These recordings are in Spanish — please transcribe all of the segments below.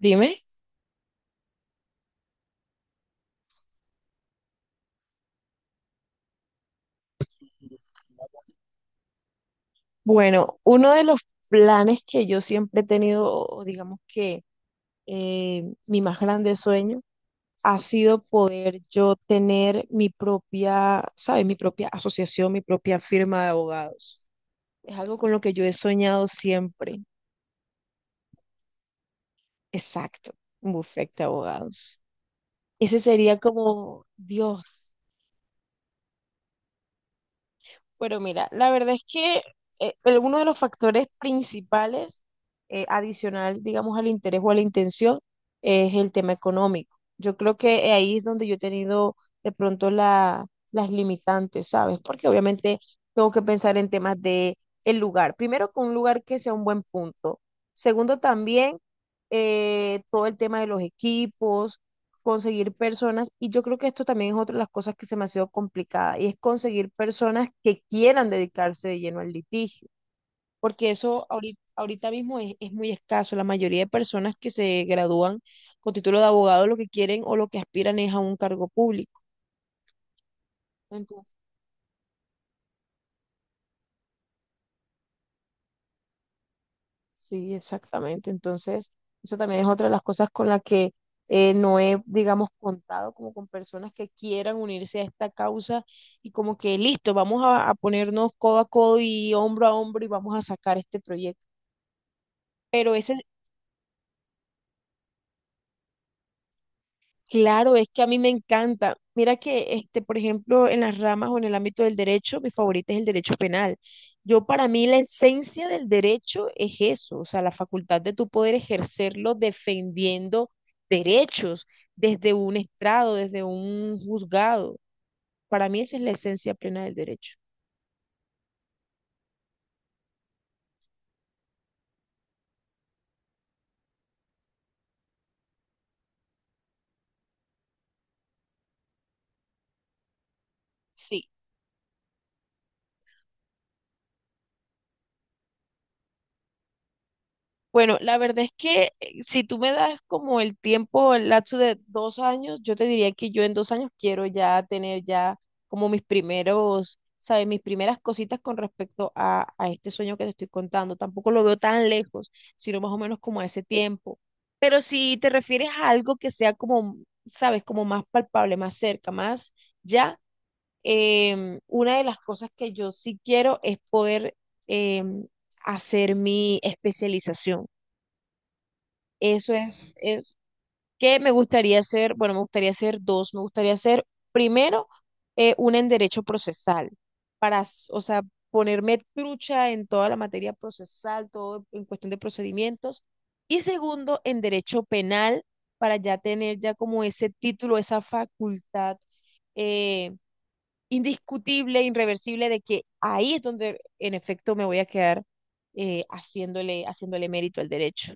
Dime. Bueno, uno de los planes que yo siempre he tenido, o digamos que mi más grande sueño, ha sido poder yo tener mi propia, ¿sabes? Mi propia asociación, mi propia firma de abogados. Es algo con lo que yo he soñado siempre. Exacto, un bufete de abogados. Ese sería como, Dios. Pero mira, la verdad es que uno de los factores principales adicional, digamos, al interés o a la intención es el tema económico. Yo creo que ahí es donde yo he tenido de pronto la- las limitantes, ¿sabes? Porque obviamente tengo que pensar en temas de el lugar. Primero, con un lugar que sea un buen punto. Segundo, también todo el tema de los equipos, conseguir personas, y yo creo que esto también es otra de las cosas que se me ha sido complicada, y es conseguir personas que quieran dedicarse de lleno al litigio, porque eso ahorita, ahorita mismo es muy escaso. La mayoría de personas que se gradúan con título de abogado lo que quieren o lo que aspiran es a un cargo público. Entonces, sí, exactamente. Entonces, eso también es otra de las cosas con las que no he, digamos, contado como con personas que quieran unirse a esta causa y como que listo, vamos a ponernos codo a codo y hombro a hombro y vamos a sacar este proyecto. Pero ese, claro, es que a mí me encanta. Mira que, este, por ejemplo, en las ramas o en el ámbito del derecho, mi favorita es el derecho penal. Yo, para mí, la esencia del derecho es eso, o sea, la facultad de tu poder ejercerlo defendiendo derechos desde un estrado, desde un juzgado. Para mí, esa es la esencia plena del derecho. Sí. Bueno, la verdad es que si tú me das como el tiempo, el lapso de 2 años, yo te diría que yo en 2 años quiero ya tener ya como mis primeros, ¿sabes? Mis primeras cositas con respecto a este sueño que te estoy contando. Tampoco lo veo tan lejos, sino más o menos como a ese tiempo. Pero si te refieres a algo que sea como, ¿sabes? Como más palpable, más cerca, más ya, una de las cosas que yo sí quiero es poder... em, hacer mi especialización. Eso es que me gustaría hacer, bueno, me gustaría hacer dos, me gustaría hacer primero una en derecho procesal, para, o sea, ponerme trucha en toda la materia procesal, todo en cuestión de procedimientos, y segundo en derecho penal, para ya tener ya como ese título, esa facultad eh, indiscutible, irreversible, de que ahí es donde en efecto me voy a quedar haciéndole mérito al derecho.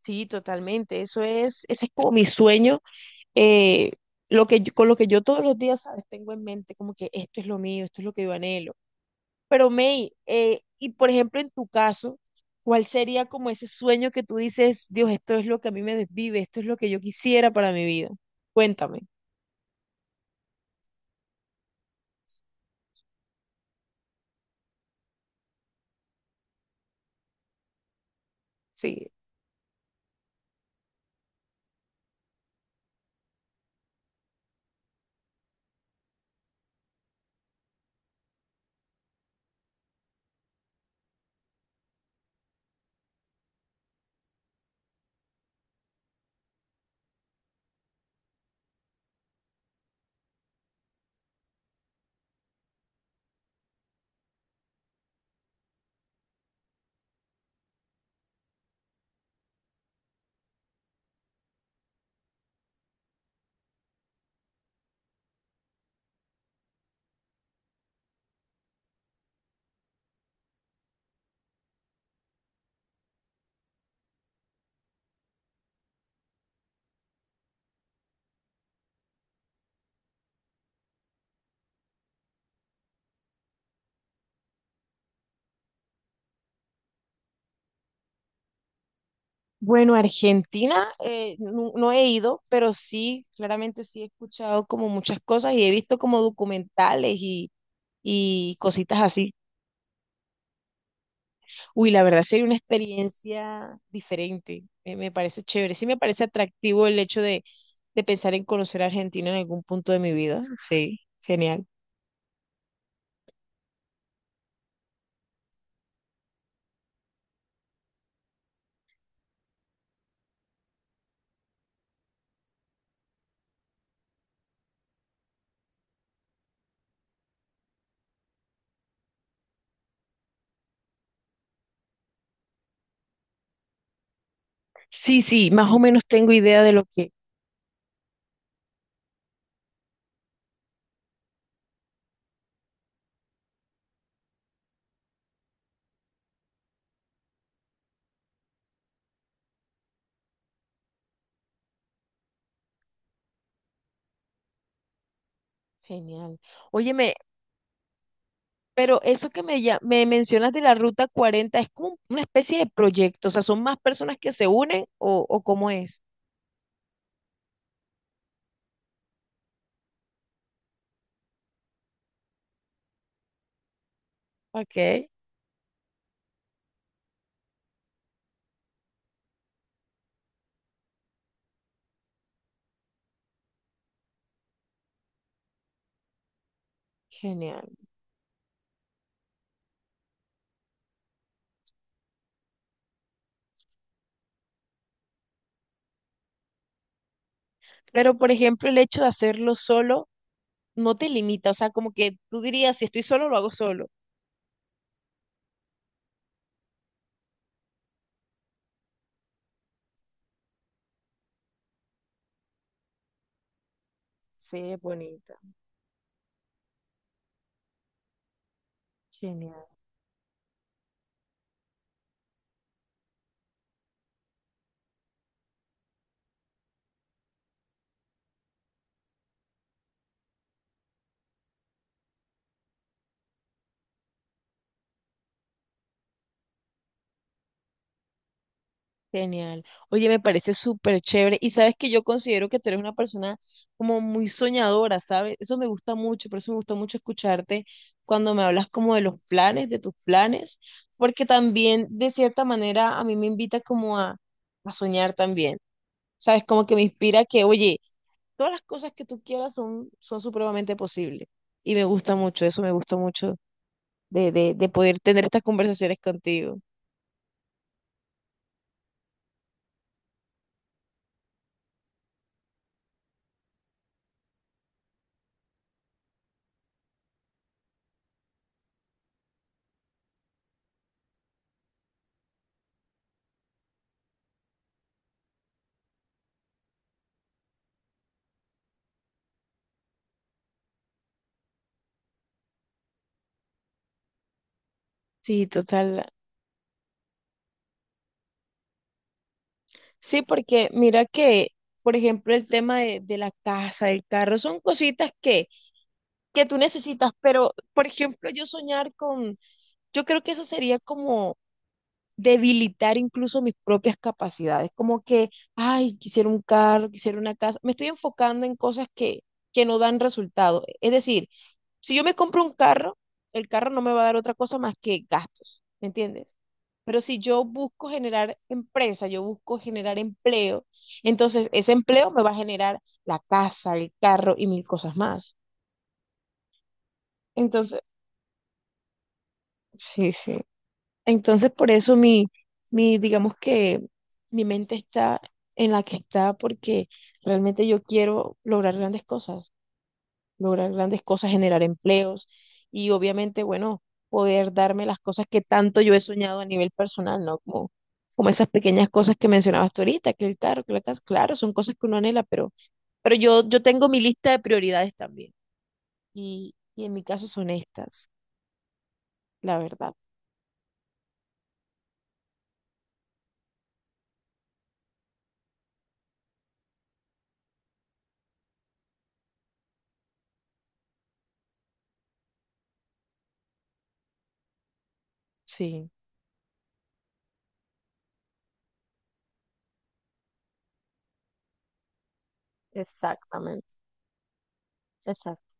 Sí, totalmente. Eso es, ese es como mi sueño, eh, lo que con lo que yo todos los días, ¿sabes? Tengo en mente como que esto es lo mío, esto es lo que yo anhelo. Pero May, y por ejemplo en tu caso, ¿cuál sería como ese sueño que tú dices, Dios, esto es lo que a mí me desvive, esto es lo que yo quisiera para mi vida? Cuéntame. Sí. Bueno, Argentina no, he ido, pero sí, claramente sí he escuchado como muchas cosas y he visto como documentales y cositas así. Uy, la verdad sería una experiencia diferente. Me parece chévere. Sí me parece atractivo el hecho de pensar en conocer a Argentina en algún punto de mi vida. Sí, genial. Sí, sí, más o menos tengo idea de lo que... Genial. Óyeme, pero eso que me mencionas de la Ruta 40 es como una especie de proyecto. O sea, ¿son más personas que se unen o cómo es? Ok, genial. Pero, por ejemplo, el hecho de hacerlo solo no te limita. O sea, como que tú dirías, si estoy solo, lo hago solo. Sí, es bonita. Genial, genial. Oye, me parece súper chévere. Y sabes que yo considero que tú eres una persona como muy soñadora, ¿sabes? Eso me gusta mucho, por eso me gusta mucho escucharte cuando me hablas como de los planes, de tus planes, porque también de cierta manera a mí me invita como a soñar también, ¿sabes? Como que me inspira que, oye, todas las cosas que tú quieras son, son supremamente posibles. Y me gusta mucho, eso me gusta mucho de poder tener estas conversaciones contigo. Sí, total. Sí, porque mira que, por ejemplo, el tema de la casa, del carro, son cositas que tú necesitas, pero, por ejemplo, yo soñar con, yo creo que eso sería como debilitar incluso mis propias capacidades, como que, ay, quisiera un carro, quisiera una casa, me estoy enfocando en cosas que no dan resultado. Es decir, si yo me compro un carro, el carro no me va a dar otra cosa más que gastos, ¿me entiendes? Pero si yo busco generar empresa, yo busco generar empleo, entonces ese empleo me va a generar la casa, el carro y mil cosas más. Entonces, sí, sí. Entonces por eso digamos que mi mente está en la que está porque realmente yo quiero lograr grandes cosas. Lograr grandes cosas, generar empleos y obviamente, bueno, poder darme las cosas que tanto yo he soñado a nivel personal, ¿no? Como, como esas pequeñas cosas que mencionabas tú ahorita, que el carro, que la casa, claro, son cosas que uno anhela, pero yo tengo mi lista de prioridades también y en mi caso son estas, la verdad. Sí, exactamente, exactamente.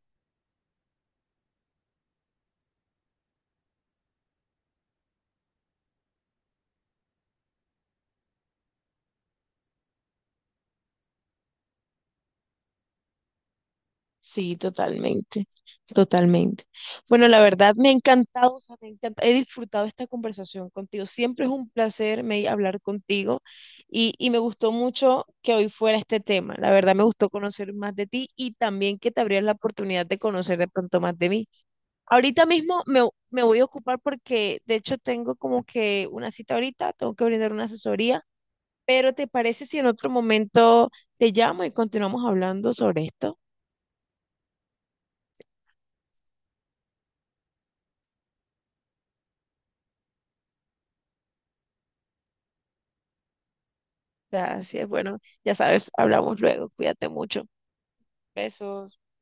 Sí, totalmente, totalmente. Bueno, la verdad me ha encantado, o sea, he disfrutado esta conversación contigo. Siempre es un placer hablar contigo y me gustó mucho que hoy fuera este tema. La verdad me gustó conocer más de ti y también que te abrieras la oportunidad de conocer de pronto más de mí. Ahorita mismo me voy a ocupar porque de hecho tengo como que una cita ahorita, tengo que brindar una asesoría, pero ¿te parece si en otro momento te llamo y continuamos hablando sobre esto? Gracias. Bueno, ya sabes, hablamos luego. Cuídate mucho. Besos.